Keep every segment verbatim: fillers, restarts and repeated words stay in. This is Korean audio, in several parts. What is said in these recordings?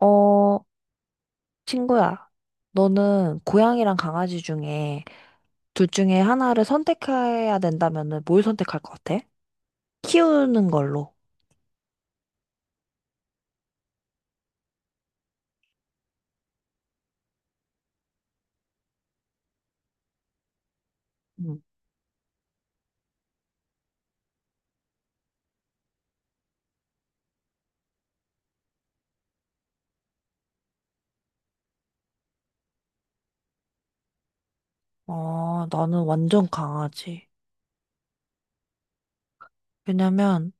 어, 친구야, 너는 고양이랑 강아지 중에 둘 중에 하나를 선택해야 된다면은 뭘 선택할 것 같아? 키우는 걸로. 음. 어, 나는 완전 강아지. 왜냐면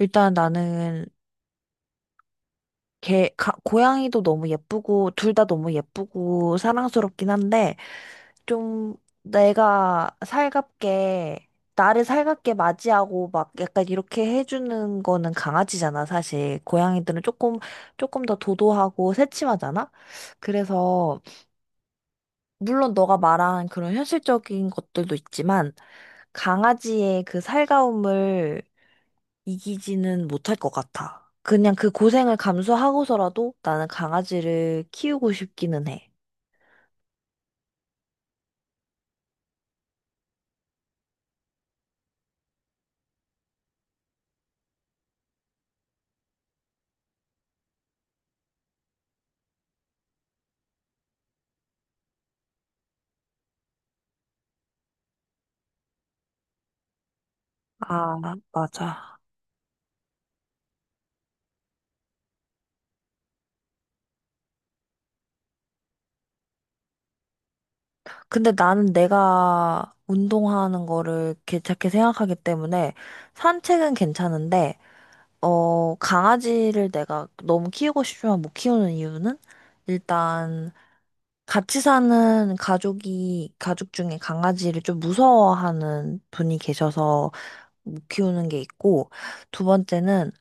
일단 나는 개, 가, 고양이도 너무 예쁘고 둘 다 너무 예쁘고 사랑스럽긴 한데 좀 내가 살갑게, 나를 살갑게 맞이하고 막 약간 이렇게 해주는 거는 강아지잖아, 사실. 고양이들은 조금, 조금 더 도도하고 새침하잖아? 그래서, 물론 너가 말한 그런 현실적인 것들도 있지만, 강아지의 그 살가움을 이기지는 못할 것 같아. 그냥 그 고생을 감수하고서라도 나는 강아지를 키우고 싶기는 해. 아, 맞아. 근데 나는 내가 운동하는 거를 괜찮게 생각하기 때문에 산책은 괜찮은데, 어, 강아지를 내가 너무 키우고 싶지만 못 키우는 이유는 일단 같이 사는 가족이, 가족 중에 강아지를 좀 무서워하는 분이 계셔서 못 키우는 게 있고, 두 번째는,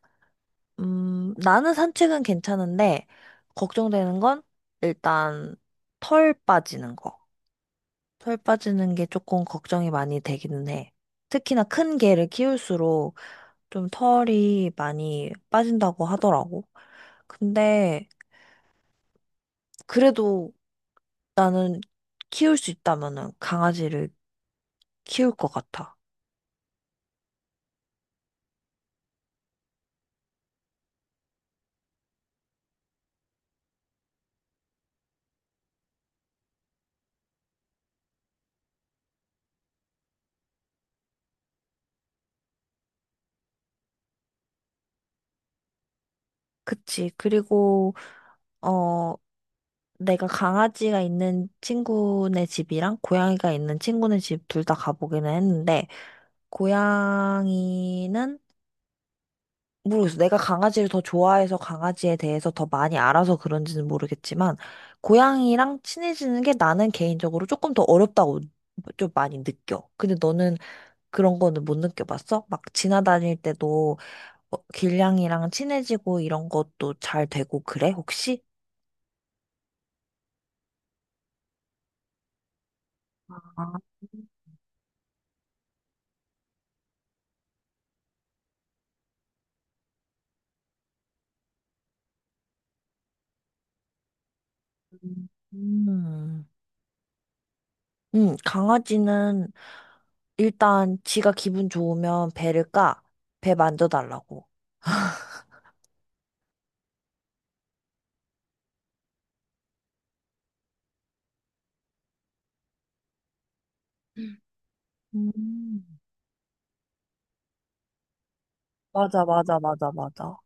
음, 나는 산책은 괜찮은데, 걱정되는 건 일단 털 빠지는 거. 털 빠지는 게 조금 걱정이 많이 되기는 해. 특히나 큰 개를 키울수록 좀 털이 많이 빠진다고 하더라고. 근데 그래도 나는 키울 수 있다면은 강아지를 키울 것 같아. 그치. 그리고, 어, 내가 강아지가 있는 친구네 집이랑 고양이가 있는 친구네 집 둘 다 가보기는 했는데, 고양이는 모르겠어. 내가 강아지를 더 좋아해서 강아지에 대해서 더 많이 알아서 그런지는 모르겠지만, 고양이랑 친해지는 게 나는 개인적으로 조금 더 어렵다고 좀 많이 느껴. 근데 너는 그런 거는 못 느껴봤어? 막 지나다닐 때도 어, 길냥이랑 친해지고 이런 것도 잘 되고 그래, 혹시? 아, 음. 음, 강아지는 일단 지가 기분 좋으면 배를 까. 배 만져달라고. 음. 맞아, 맞아, 맞아, 맞아.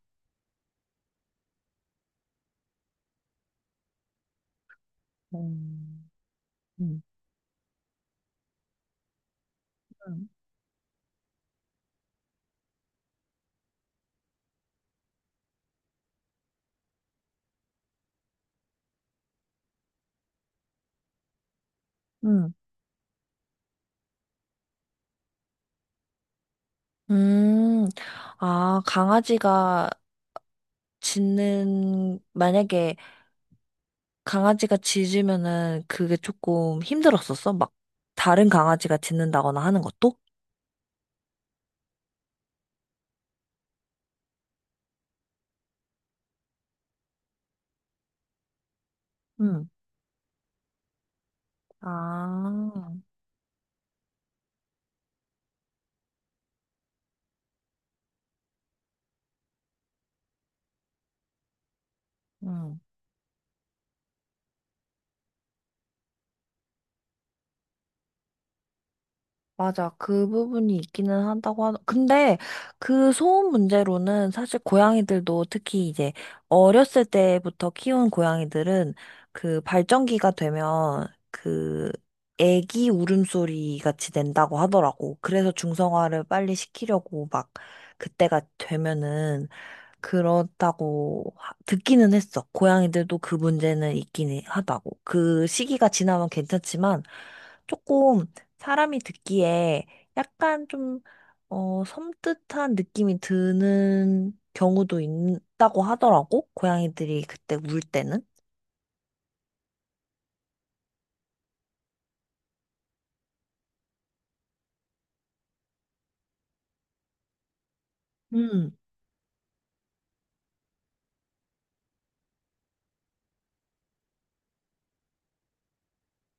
음. 음, 음, 음, 아, 강아지가 짖는, 만약에 강아지가 짖으면은 그게 조금 힘들었었어? 막, 다른 강아지가 짖는다거나 하는 것도? 음. 아, 음. 맞아. 그 부분이 있기는 한다고 하, 근데 그 소음 문제로는 사실 고양이들도 특히 이제 어렸을 때부터 키운 고양이들은 그 발전기가 되면 그 애기 울음소리 같이 낸다고 하더라고. 그래서 중성화를 빨리 시키려고 막 그때가 되면은 그렇다고 하- 듣기는 했어. 고양이들도 그 문제는 있긴 해- 하다고. 그 시기가 지나면 괜찮지만 조금 사람이 듣기에 약간 좀, 어, 섬뜩한 느낌이 드는 경우도 있다고 하더라고. 고양이들이 그때 울 때는. 음,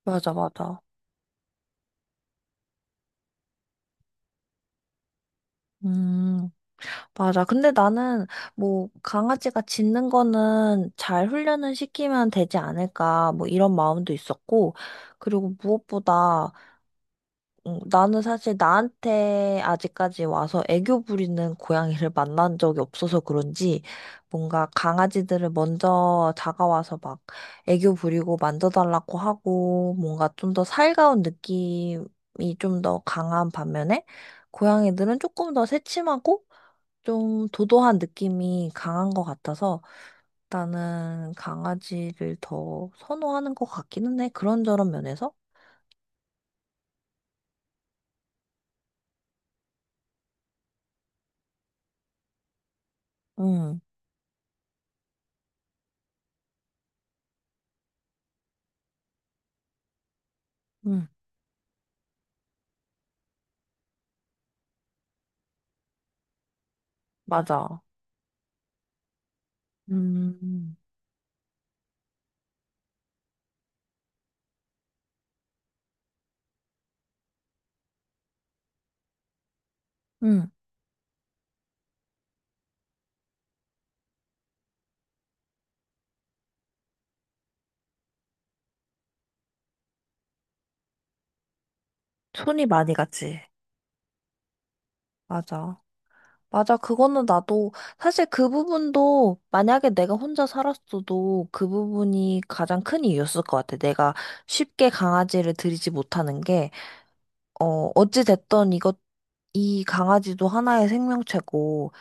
맞아, 맞아. 음, 맞아. 근데 나는 뭐 강아지가 짖는 거는 잘 훈련을 시키면 되지 않을까 뭐 이런 마음도 있었고 그리고 무엇보다 음, 나는 사실 나한테 아직까지 와서 애교 부리는 고양이를 만난 적이 없어서 그런지 뭔가 강아지들을 먼저 다가와서 막 애교 부리고 만져달라고 하고 뭔가 좀 더 살가운 느낌이 좀 더 강한 반면에 고양이들은 조금 더 새침하고 좀 도도한 느낌이 강한 것 같아서 나는 강아지를 더 선호하는 것 같기는 해. 그런저런 면에서. 응, 응, 맞아. 음, 응. 손이 많이 갔지 맞아. 맞아. 그거는 나도 사실 그 부분도 만약에 내가 혼자 살았어도 그 부분이 가장 큰 이유였을 것 같아. 내가 쉽게 강아지를 들이지 못하는 게, 어, 어찌됐던 이것 이 강아지도 하나의 생명체고,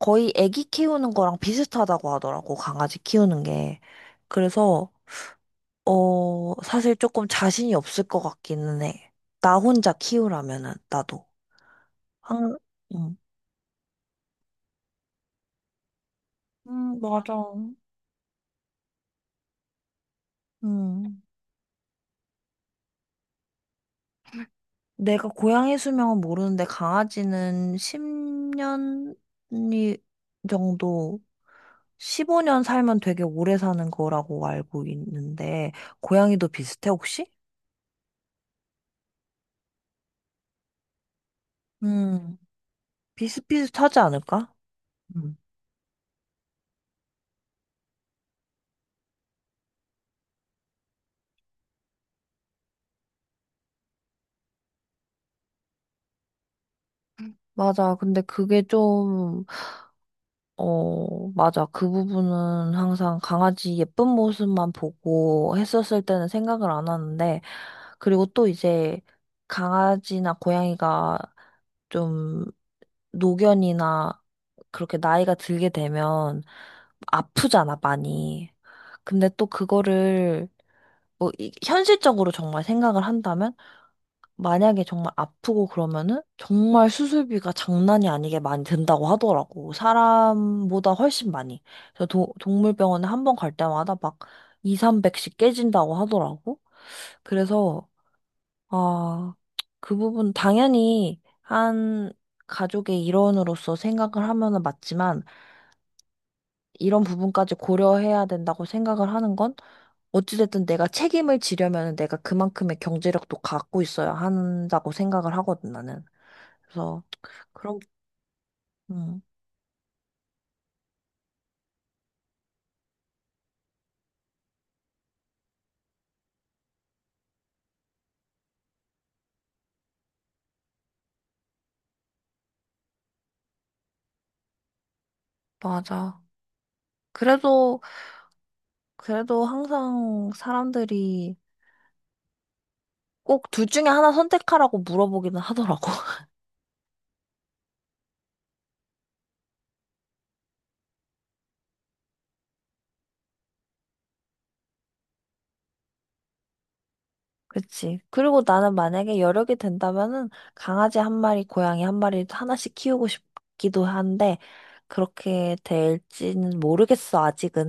거의 애기 키우는 거랑 비슷하다고 하더라고, 강아지 키우는 게. 그래서, 어, 사실 조금 자신이 없을 것 같기는 해. 나 혼자 키우라면은, 나도. 한, 음, 음, 맞아. 음. 내가 고양이 수명은 모르는데, 강아지는 십 년 정도, 십오 년 살면 되게 오래 사는 거라고 알고 있는데, 고양이도 비슷해, 혹시? 음, 비슷비슷하지 않을까? 음. 맞아. 근데 그게 좀, 어, 맞아. 그 부분은 항상 강아지 예쁜 모습만 보고 했었을 때는 생각을 안 하는데, 그리고 또 이제 강아지나 고양이가 좀 노견이나 그렇게 나이가 들게 되면 아프잖아, 많이. 근데 또 그거를 뭐 이- 현실적으로 정말 생각을 한다면 만약에 정말 아프고 그러면은 정말 수술비가 장난이 아니게 많이 든다고 하더라고. 사람보다 훨씬 많이. 그래서 도- 동물병원에 한번 갈 때마다 막 이, 삼백씩 깨진다고 하더라고. 그래서, 아, 그 부분 당연히 한 가족의 일원으로서 생각을 하면은 맞지만 이런 부분까지 고려해야 된다고 생각을 하는 건 어찌됐든 내가 책임을 지려면 내가 그만큼의 경제력도 갖고 있어야 한다고 생각을 하거든, 나는. 그래서 그런 음, 맞아. 그래도 그래도 항상 사람들이 꼭 둘 중에 하나 선택하라고 물어보기는 하더라고. 그치. 그리고 나는 만약에 여력이 된다면은 강아지 한 마리, 고양이 한 마리 하나씩 키우고 싶기도 한데 그렇게 될지는 모르겠어, 아직은.